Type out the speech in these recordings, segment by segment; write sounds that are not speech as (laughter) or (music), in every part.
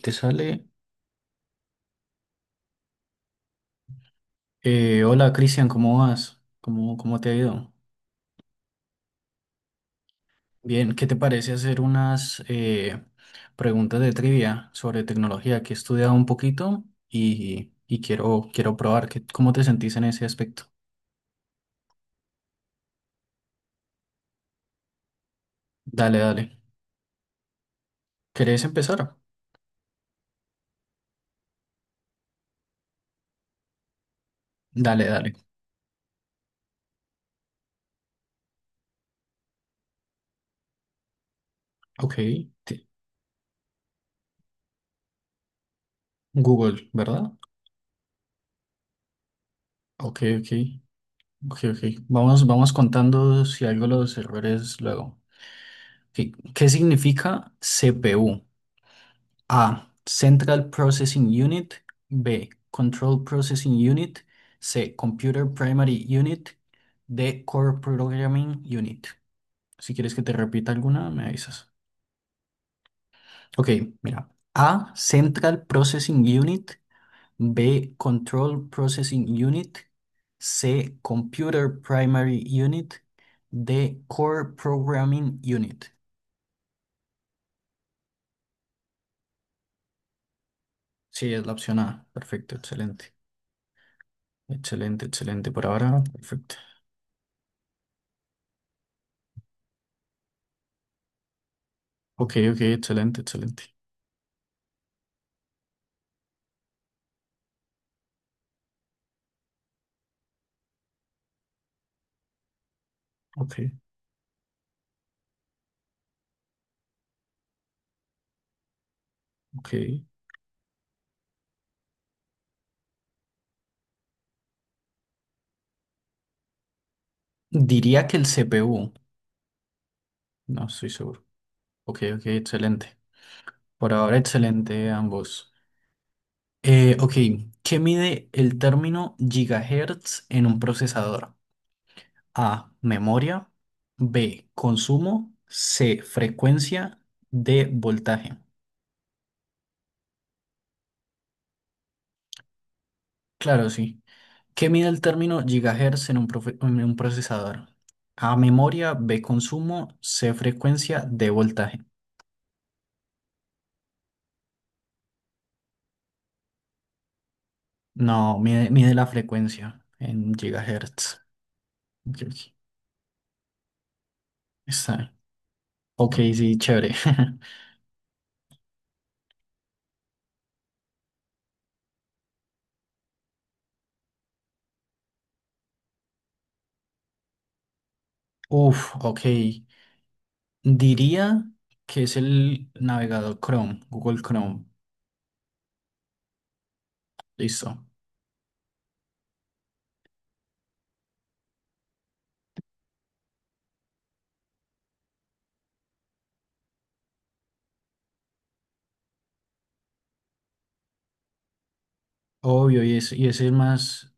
Te sale. Hola Cristian, ¿cómo vas? ¿Cómo te ha ido? Bien, ¿qué te parece hacer unas preguntas de trivia sobre tecnología que he estudiado un poquito y quiero probar qué cómo te sentís en ese aspecto? Dale, dale. ¿Querés empezar? Dale, dale. Ok. te- Google, ¿verdad? Ok, ok. Ok, ok. Vamos, vamos contando si algo los errores luego. Ok, ¿qué significa CPU? A. Central Processing Unit. B. Control Processing Unit. C. Computer Primary Unit. D. Core Programming Unit. Si quieres que te repita alguna, me avisas. Ok, mira. A. Central Processing Unit. B. Control Processing Unit. C. Computer Primary Unit. D. Core Programming Unit. Sí, es la opción A. Perfecto, excelente. Excelente, excelente por ahora. Perfecto. Ok, ok, excelente, excelente. Ok, ok. Diría que el CPU, no estoy seguro. Ok, ok, excelente. Por ahora, excelente ambos. Ok, ¿qué mide el término gigahertz en un procesador? A, memoria, B, consumo, C, frecuencia, D, voltaje. Claro, sí. ¿Qué mide el término gigahertz en un, en un procesador? A, memoria, B, consumo, C, frecuencia, D, voltaje. No, mide la frecuencia en gigahertz. Ok, ok, está bien. Ok, sí, chévere. (laughs) Uf, ok. Diría que es el navegador Chrome, Google Chrome. Listo. Obvio, y es, y es el más,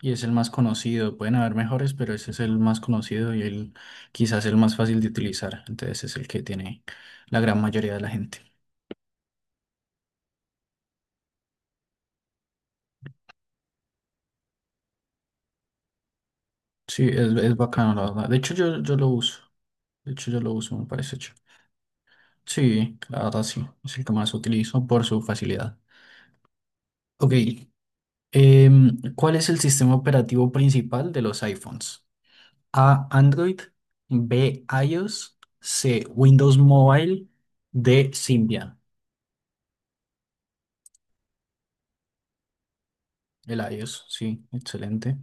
y es el más conocido. Pueden haber mejores, pero ese es el más conocido y el quizás el más fácil de utilizar. Entonces es el que tiene la gran mayoría de la gente. Sí, es bacano, la verdad. De hecho, yo lo uso. De hecho, yo lo uso, me parece. Sí, la verdad sí, es el que más utilizo por su facilidad. Ok, ¿cuál es el sistema operativo principal de los iPhones? A, Android, B, iOS, C, Windows Mobile, D, Symbian. El iOS, sí, excelente.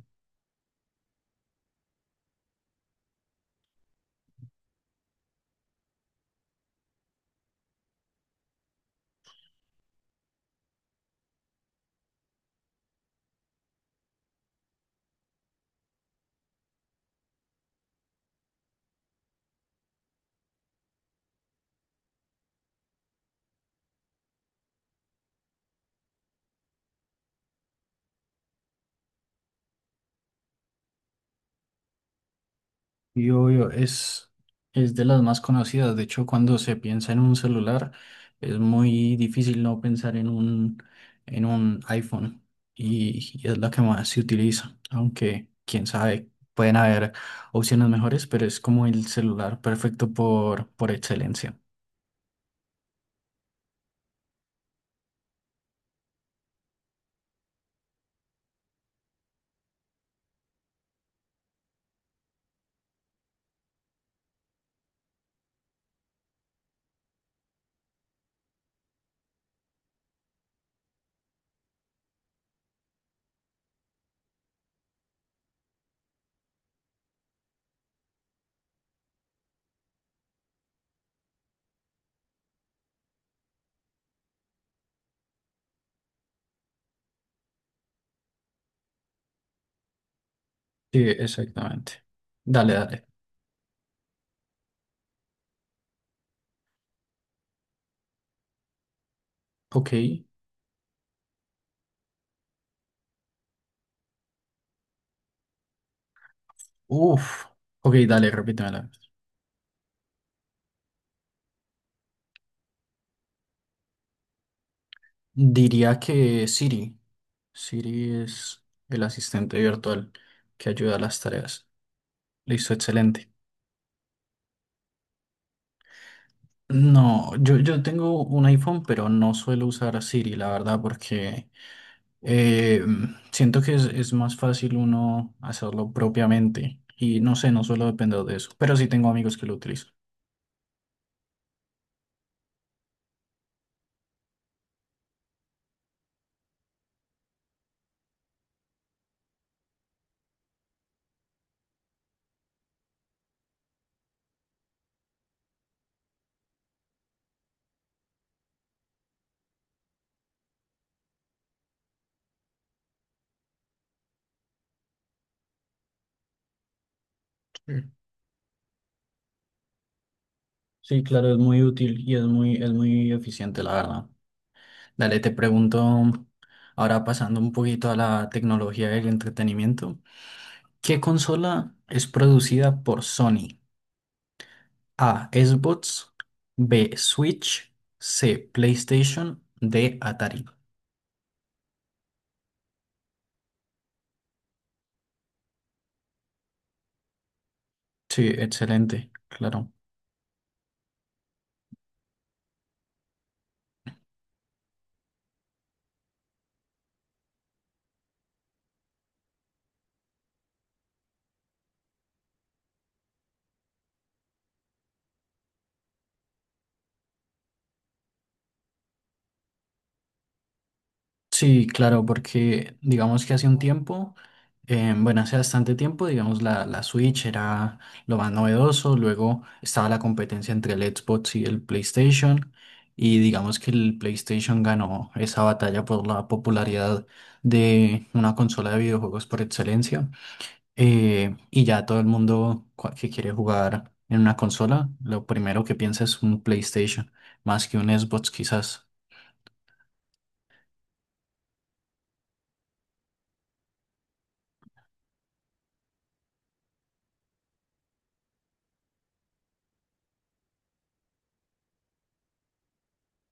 Y obvio, es de las más conocidas. De hecho, cuando se piensa en un celular, es muy difícil no pensar en un iPhone. Y es la que más se utiliza. Aunque, quién sabe, pueden haber opciones mejores, pero es como el celular perfecto por excelencia. Sí, exactamente. Dale, dale. Ok. Uf. Ok, dale, repítemela. Diría que Siri. Siri es el asistente virtual que ayuda a las tareas. Listo, excelente. No, yo tengo un iPhone, pero no suelo usar Siri, la verdad, porque eh, siento que es más fácil uno hacerlo propiamente. Y no sé, no suelo depender de eso, pero sí tengo amigos que lo utilizan. Sí, sí, claro, es muy útil y es muy eficiente, la verdad. Dale, te pregunto, ahora pasando un poquito a la tecnología del entretenimiento. ¿Qué consola es producida por Sony? A. Xbox. B. Switch. C. PlayStation. D. Atari. Sí, excelente, claro. Sí, claro, porque digamos que hace un tiempo, bueno, hace bastante tiempo, digamos, la Switch era lo más novedoso, luego estaba la competencia entre el Xbox y el PlayStation, y digamos que el PlayStation ganó esa batalla por la popularidad de una consola de videojuegos por excelencia. Y ya todo el mundo que quiere jugar en una consola, lo primero que piensa es un PlayStation, más que un Xbox quizás.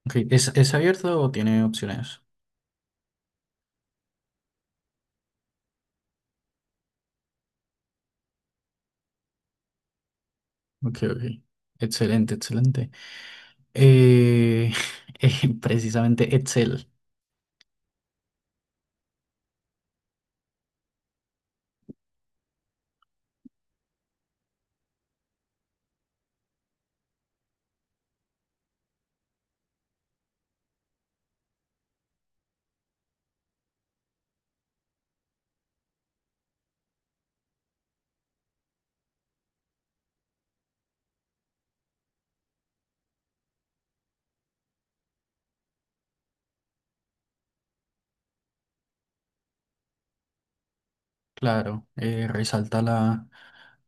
Ok, ¿es, es abierto o tiene opciones? Ok, ok. Excelente, excelente. Eh, (laughs) precisamente Excel. Claro, resalta la,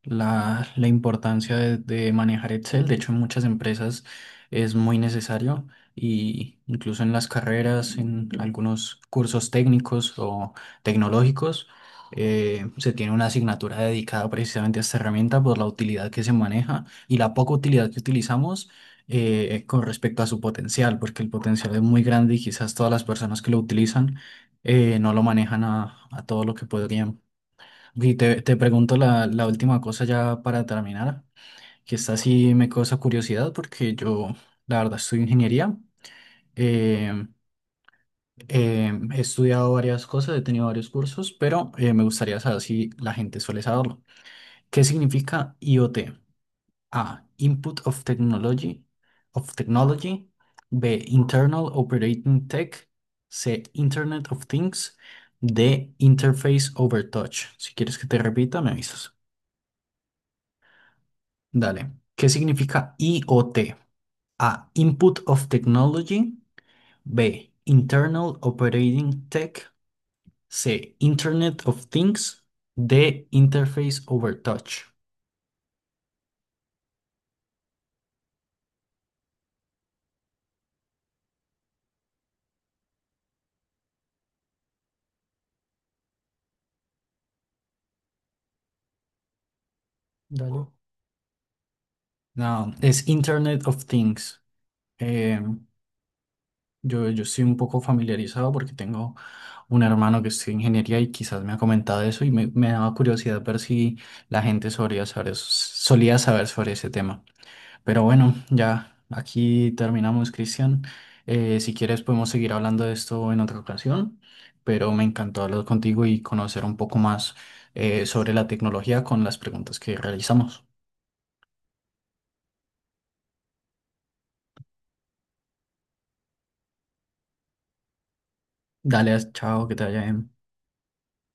la, la importancia de manejar Excel. De hecho, en muchas empresas es muy necesario y incluso en las carreras, en algunos cursos técnicos o tecnológicos, se tiene una asignatura dedicada precisamente a esta herramienta por la utilidad que se maneja y la poca utilidad que utilizamos con respecto a su potencial, porque el potencial es muy grande y quizás todas las personas que lo utilizan no lo manejan a todo lo que podrían. Y te pregunto la última cosa ya para terminar, que esta sí me causa curiosidad porque yo, la verdad, estudio ingeniería. eh, He estudiado varias cosas, he tenido varios cursos, pero me gustaría saber si la gente suele saberlo. ¿Qué significa IoT? A. Input of Technology. Of Technology. B. Internal Operating Tech. C. Internet of Things. D. Interface Over Touch. Si quieres que te repita, me avisas. Dale. ¿Qué significa IOT? A. Input of Technology. B. Internal Operating Tech. C. Internet of Things. D. Interface over Touch. Dale. No, es Internet of Things. Eh, yo, yo estoy un poco familiarizado porque tengo un hermano que estudia ingeniería y quizás me ha comentado eso y me daba curiosidad ver si la gente solía saber sobre ese tema. Pero bueno, ya aquí terminamos, Cristian. Si quieres podemos seguir hablando de esto en otra ocasión, pero me encantó hablar contigo y conocer un poco más sobre la tecnología con las preguntas que realizamos. Dale, chao, que te vaya bien.